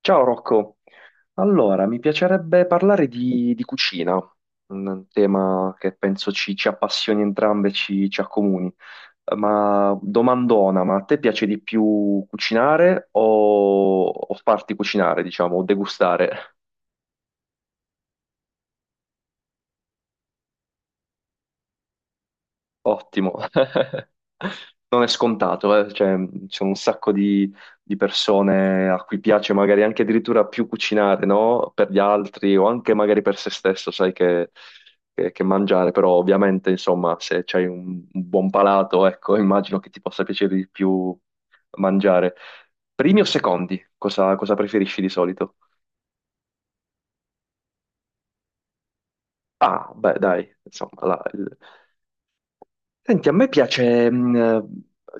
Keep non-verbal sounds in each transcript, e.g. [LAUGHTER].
Ciao Rocco, allora mi piacerebbe parlare di cucina, un tema che penso ci appassioni entrambe, ci accomuni. Ma domandona, ma a te piace di più cucinare o farti cucinare, diciamo, o degustare? Ottimo. [LAUGHS] Non è scontato, cioè, c'è un sacco di persone a cui piace magari anche addirittura più cucinare, no? Per gli altri o anche magari per se stesso, sai che, che mangiare, però ovviamente, insomma, se c'hai un buon palato, ecco, [LAUGHS] immagino che ti possa piacere di più mangiare. Primi o secondi? Cosa preferisci di solito? Ah, beh, dai, insomma, là, Senti, a me piace,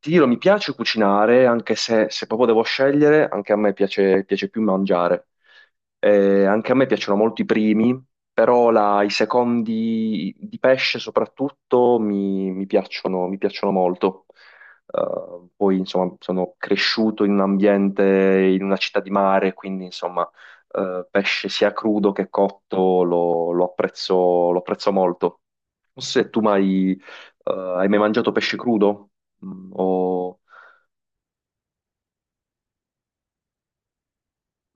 ti dirò, mi piace cucinare, anche se proprio devo scegliere, anche a me piace più mangiare. Anche a me piacciono molto i primi, però i secondi di pesce soprattutto mi piacciono molto. Poi, insomma, sono cresciuto in un ambiente, in una città di mare, quindi, insomma, pesce sia crudo che cotto lo apprezzo molto. Non so se tu mai eh, hai mai mangiato pesce crudo? Mm.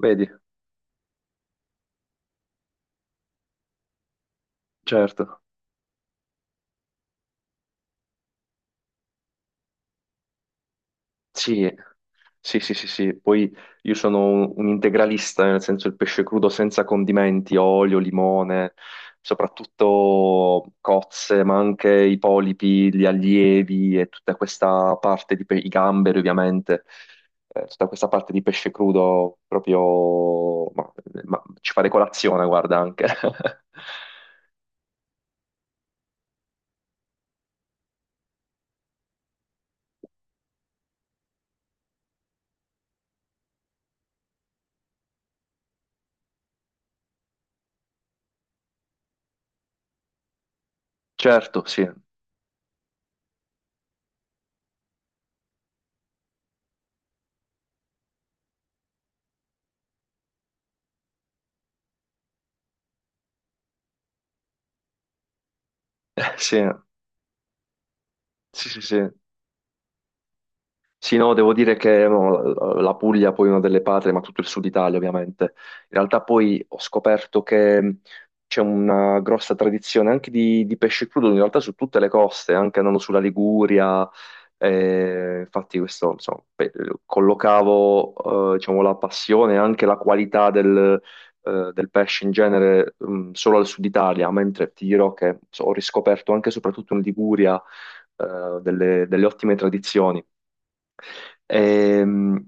Vedi, certo. Sì, sì, sì, sì, sì. Poi io sono un integralista, nel senso il pesce crudo senza condimenti, olio, limone, soprattutto cozze, ma anche i polipi, gli allievi e tutta questa parte di i gamberi, ovviamente. Tutta questa parte di pesce crudo proprio ma ci fare colazione, guarda anche. [LAUGHS] Certo, sì. [LAUGHS] Sì. Sì, sì, sì. Sì, no, devo dire che no, la Puglia poi è una delle patrie, ma tutto il sud Italia ovviamente. In realtà poi ho scoperto che c'è una grossa tradizione anche di pesce crudo, in realtà su tutte le coste, anche andando sulla Liguria. Infatti questo, insomma, collocavo, diciamo, la passione e anche la qualità del pesce in genere, solo al sud Italia, mentre ti dirò che so, ho riscoperto anche e soprattutto in Liguria, delle ottime tradizioni. Ehm,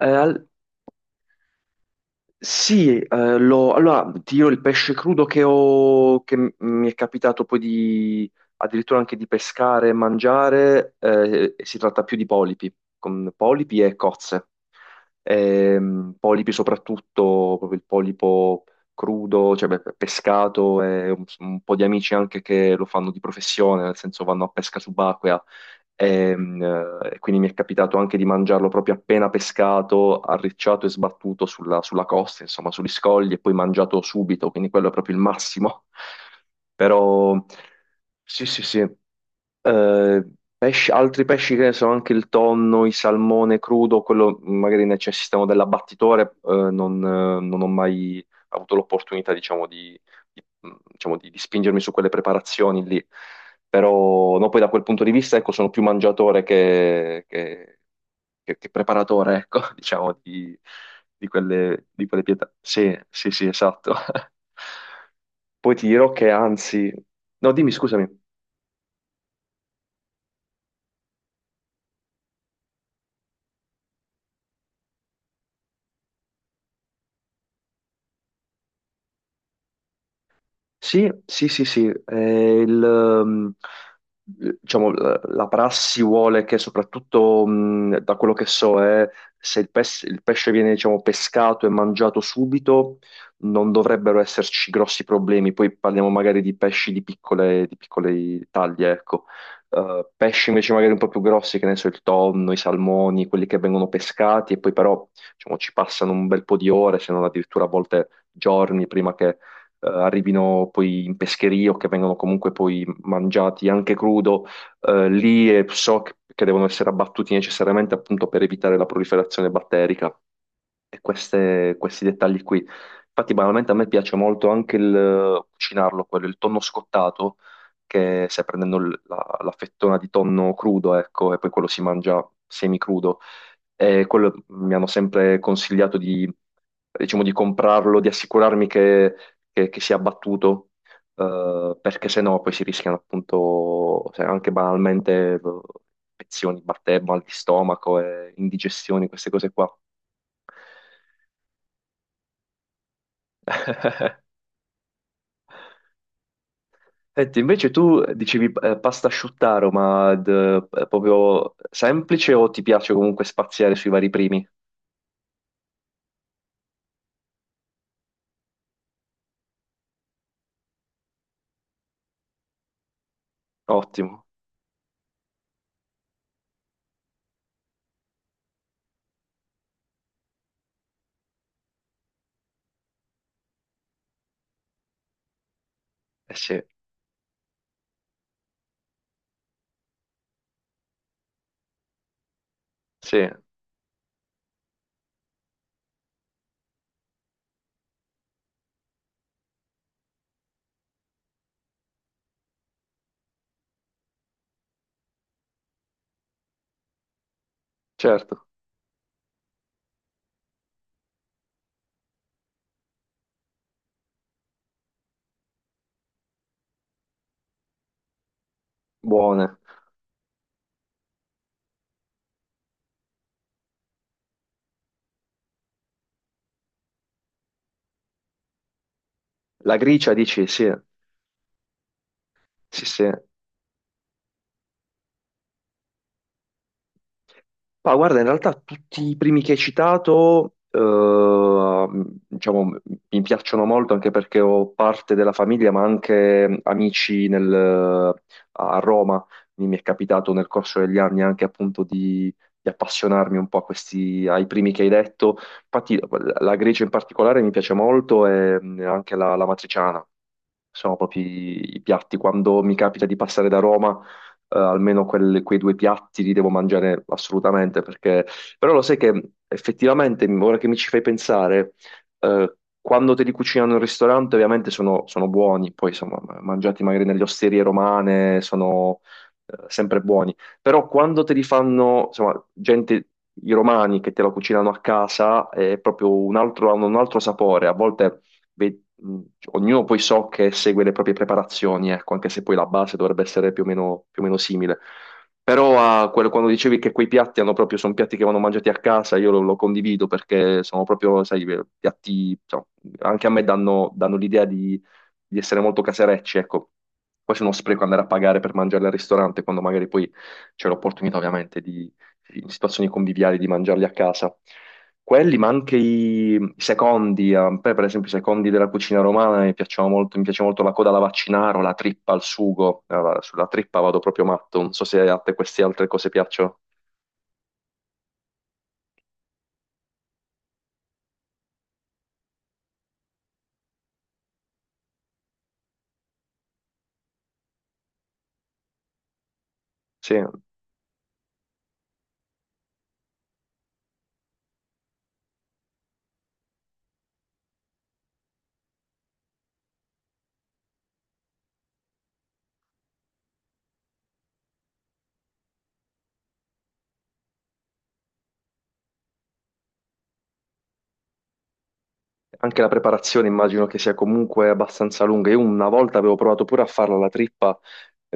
eh, al- sì, allora ti dirò il pesce crudo che ho, che mi è capitato poi di addirittura anche di pescare e mangiare, si tratta più di polipi, con polipi e cozze. Polipi soprattutto, proprio il polipo crudo, cioè beh, pescato, e un po' di amici anche che lo fanno di professione, nel senso vanno a pesca subacquea. Ehm, quindi mi è capitato anche di mangiarlo proprio appena pescato, arricciato e sbattuto sulla costa, insomma, sugli scogli e poi mangiato subito, quindi quello è proprio il massimo. [LAUGHS] Però sì, sì, sì. Altri pesci che ne so, anche il tonno, il salmone crudo, quello magari necessitano dell'abbattitore, non ho mai avuto l'opportunità, diciamo, di- di spingermi su quelle preparazioni lì. Però no, poi da quel punto di vista, ecco, sono più mangiatore che preparatore, ecco, [LAUGHS] diciamo, di quelle pietà. Sì, sì, sì, esatto. [LAUGHS] Poi ti dirò che anzi. No, dimmi, scusami. Sì, sì, sì, sì. Diciamo, la prassi vuole che soprattutto, da quello che so, è se il pesce viene, diciamo, pescato e mangiato subito, non dovrebbero esserci grossi problemi. Poi parliamo magari di pesci di piccole taglie, ecco. Pesci invece magari un po' più grossi, che ne so, il tonno, i salmoni, quelli che vengono pescati e poi però, diciamo, ci passano un bel po' di ore, se non addirittura a volte giorni prima arrivino poi in pescheria o che vengono comunque poi mangiati anche crudo, lì e so che devono essere abbattuti necessariamente appunto per evitare la proliferazione batterica e questi dettagli qui. Infatti, banalmente a me piace molto anche il cucinarlo, quello, il tonno scottato, che stai prendendo la fettona di tonno crudo, ecco, e poi quello si mangia semicrudo. E quello mi hanno sempre consigliato, diciamo, di comprarlo, di assicurarmi che si è abbattuto, perché sennò poi si rischiano appunto se anche banalmente, infezioni, batteri, mal di stomaco, e indigestioni, queste cose qua. Senti, invece tu dicevi pasta asciuttaro, ma proprio semplice o ti piace comunque spaziare sui vari primi? Ottimo, eh sì, sì, certo, buone. La gricia dici, sì, sì, sì. Ma guarda, in realtà tutti i primi che hai citato, diciamo, mi piacciono molto anche perché ho parte della famiglia, ma anche amici a Roma. Quindi mi è capitato nel corso degli anni anche appunto di appassionarmi un po' a ai primi che hai detto. Infatti la Grecia in particolare mi piace molto e anche la matriciana. Sono proprio i piatti. Quando mi capita di passare da Roma, almeno quei due piatti li devo mangiare assolutamente, perché. Però lo sai che effettivamente, ora che mi ci fai pensare, eh, quando te li cucinano in ristorante ovviamente sono buoni, poi insomma, mangiati magari nelle osterie romane sono sempre buoni, però quando te li fanno, insomma, gente, i romani che te lo cucinano a casa è proprio un altro, hanno un altro sapore, a volte ve- mh, ognuno poi so che segue le proprie preparazioni, ecco, anche se poi la base dovrebbe essere più o meno simile. Però quando dicevi che quei piatti hanno proprio, sono piatti che vanno mangiati a casa, io lo condivido perché sono proprio, sai, piatti, insomma, anche a me danno l'idea di essere molto caserecci, ecco. Poi se uno spreco andare a pagare per mangiarli al ristorante, quando magari poi c'è l'opportunità ovviamente in situazioni conviviali, di mangiarli a casa. Quelli, ma anche i secondi, a me per esempio i secondi della cucina romana mi piacciono molto, mi piace molto la coda alla vaccinaro, la trippa al sugo. Allora, sulla trippa vado proprio matto, non so se a te queste altre cose piacciono. Sì, anche la preparazione immagino che sia comunque abbastanza lunga, io una volta avevo provato pure a farla la trippa,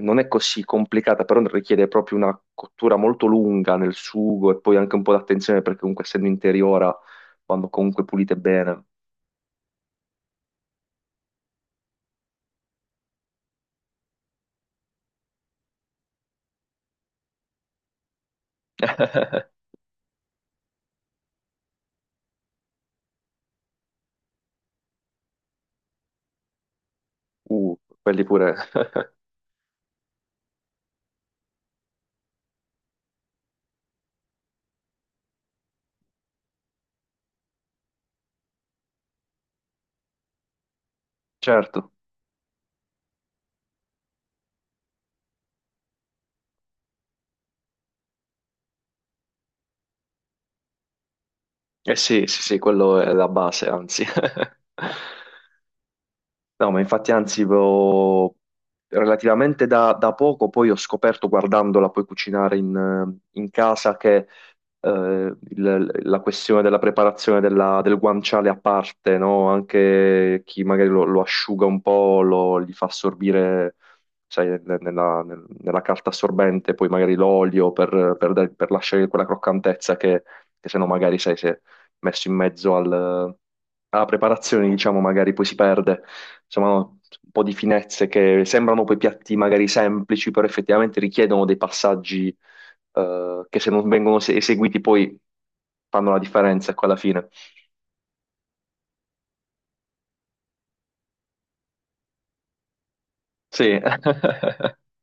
non è così complicata, però richiede proprio una cottura molto lunga nel sugo e poi anche un po' d'attenzione perché comunque essendo interiora vanno comunque pulite bene, quelli pure, [LAUGHS] certo. Eh sì, sì, sì, quello è la base, anzi. [LAUGHS] No, ma infatti, anzi, relativamente da poco poi ho scoperto, guardandola poi cucinare in casa, che eh, la questione della preparazione del guanciale a parte, no? Anche chi magari lo asciuga un po', gli fa assorbire, sai, nella carta assorbente, poi magari l'olio per lasciare quella croccantezza che se no magari, sai, se messo in mezzo alla preparazione, diciamo, magari poi si perde, insomma, no, un po' di finezze che sembrano poi piatti magari semplici, però effettivamente richiedono dei passaggi che se non vengono eseguiti poi fanno la differenza, ecco, alla fine. Sì. [LAUGHS]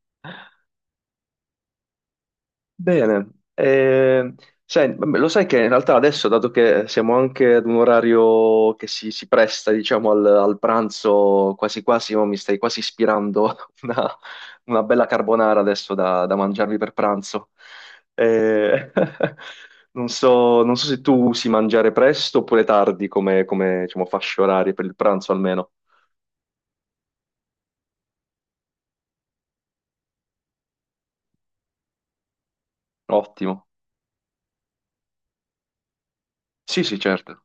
Bene, lo sai che in realtà adesso, dato che siamo anche ad un orario che si presta, diciamo, al pranzo, quasi quasi, oh, mi stai quasi ispirando [LAUGHS] a una, una bella carbonara adesso da mangiarmi per pranzo. Eh, [LAUGHS] non so, se tu usi mangiare presto oppure tardi come, diciamo, fasce orarie per il pranzo almeno. Ottimo. Sì, sì, certo.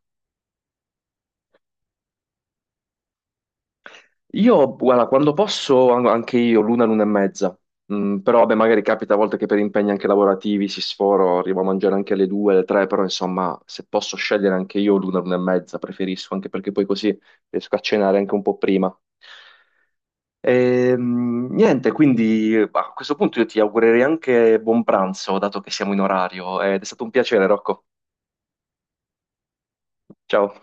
Io, guarda, quando posso anche io, l'una, l'una e mezza, però vabbè, magari capita a volte che per impegni anche lavorativi si sforo, arrivo a mangiare anche alle due, alle tre, però insomma, se posso scegliere anche io l'una, l'una e mezza, preferisco, anche perché poi così riesco a cenare anche un po' prima. Niente, quindi bah, a questo punto io ti augurerei anche buon pranzo, dato che siamo in orario, ed è stato un piacere, Rocco. Ciao.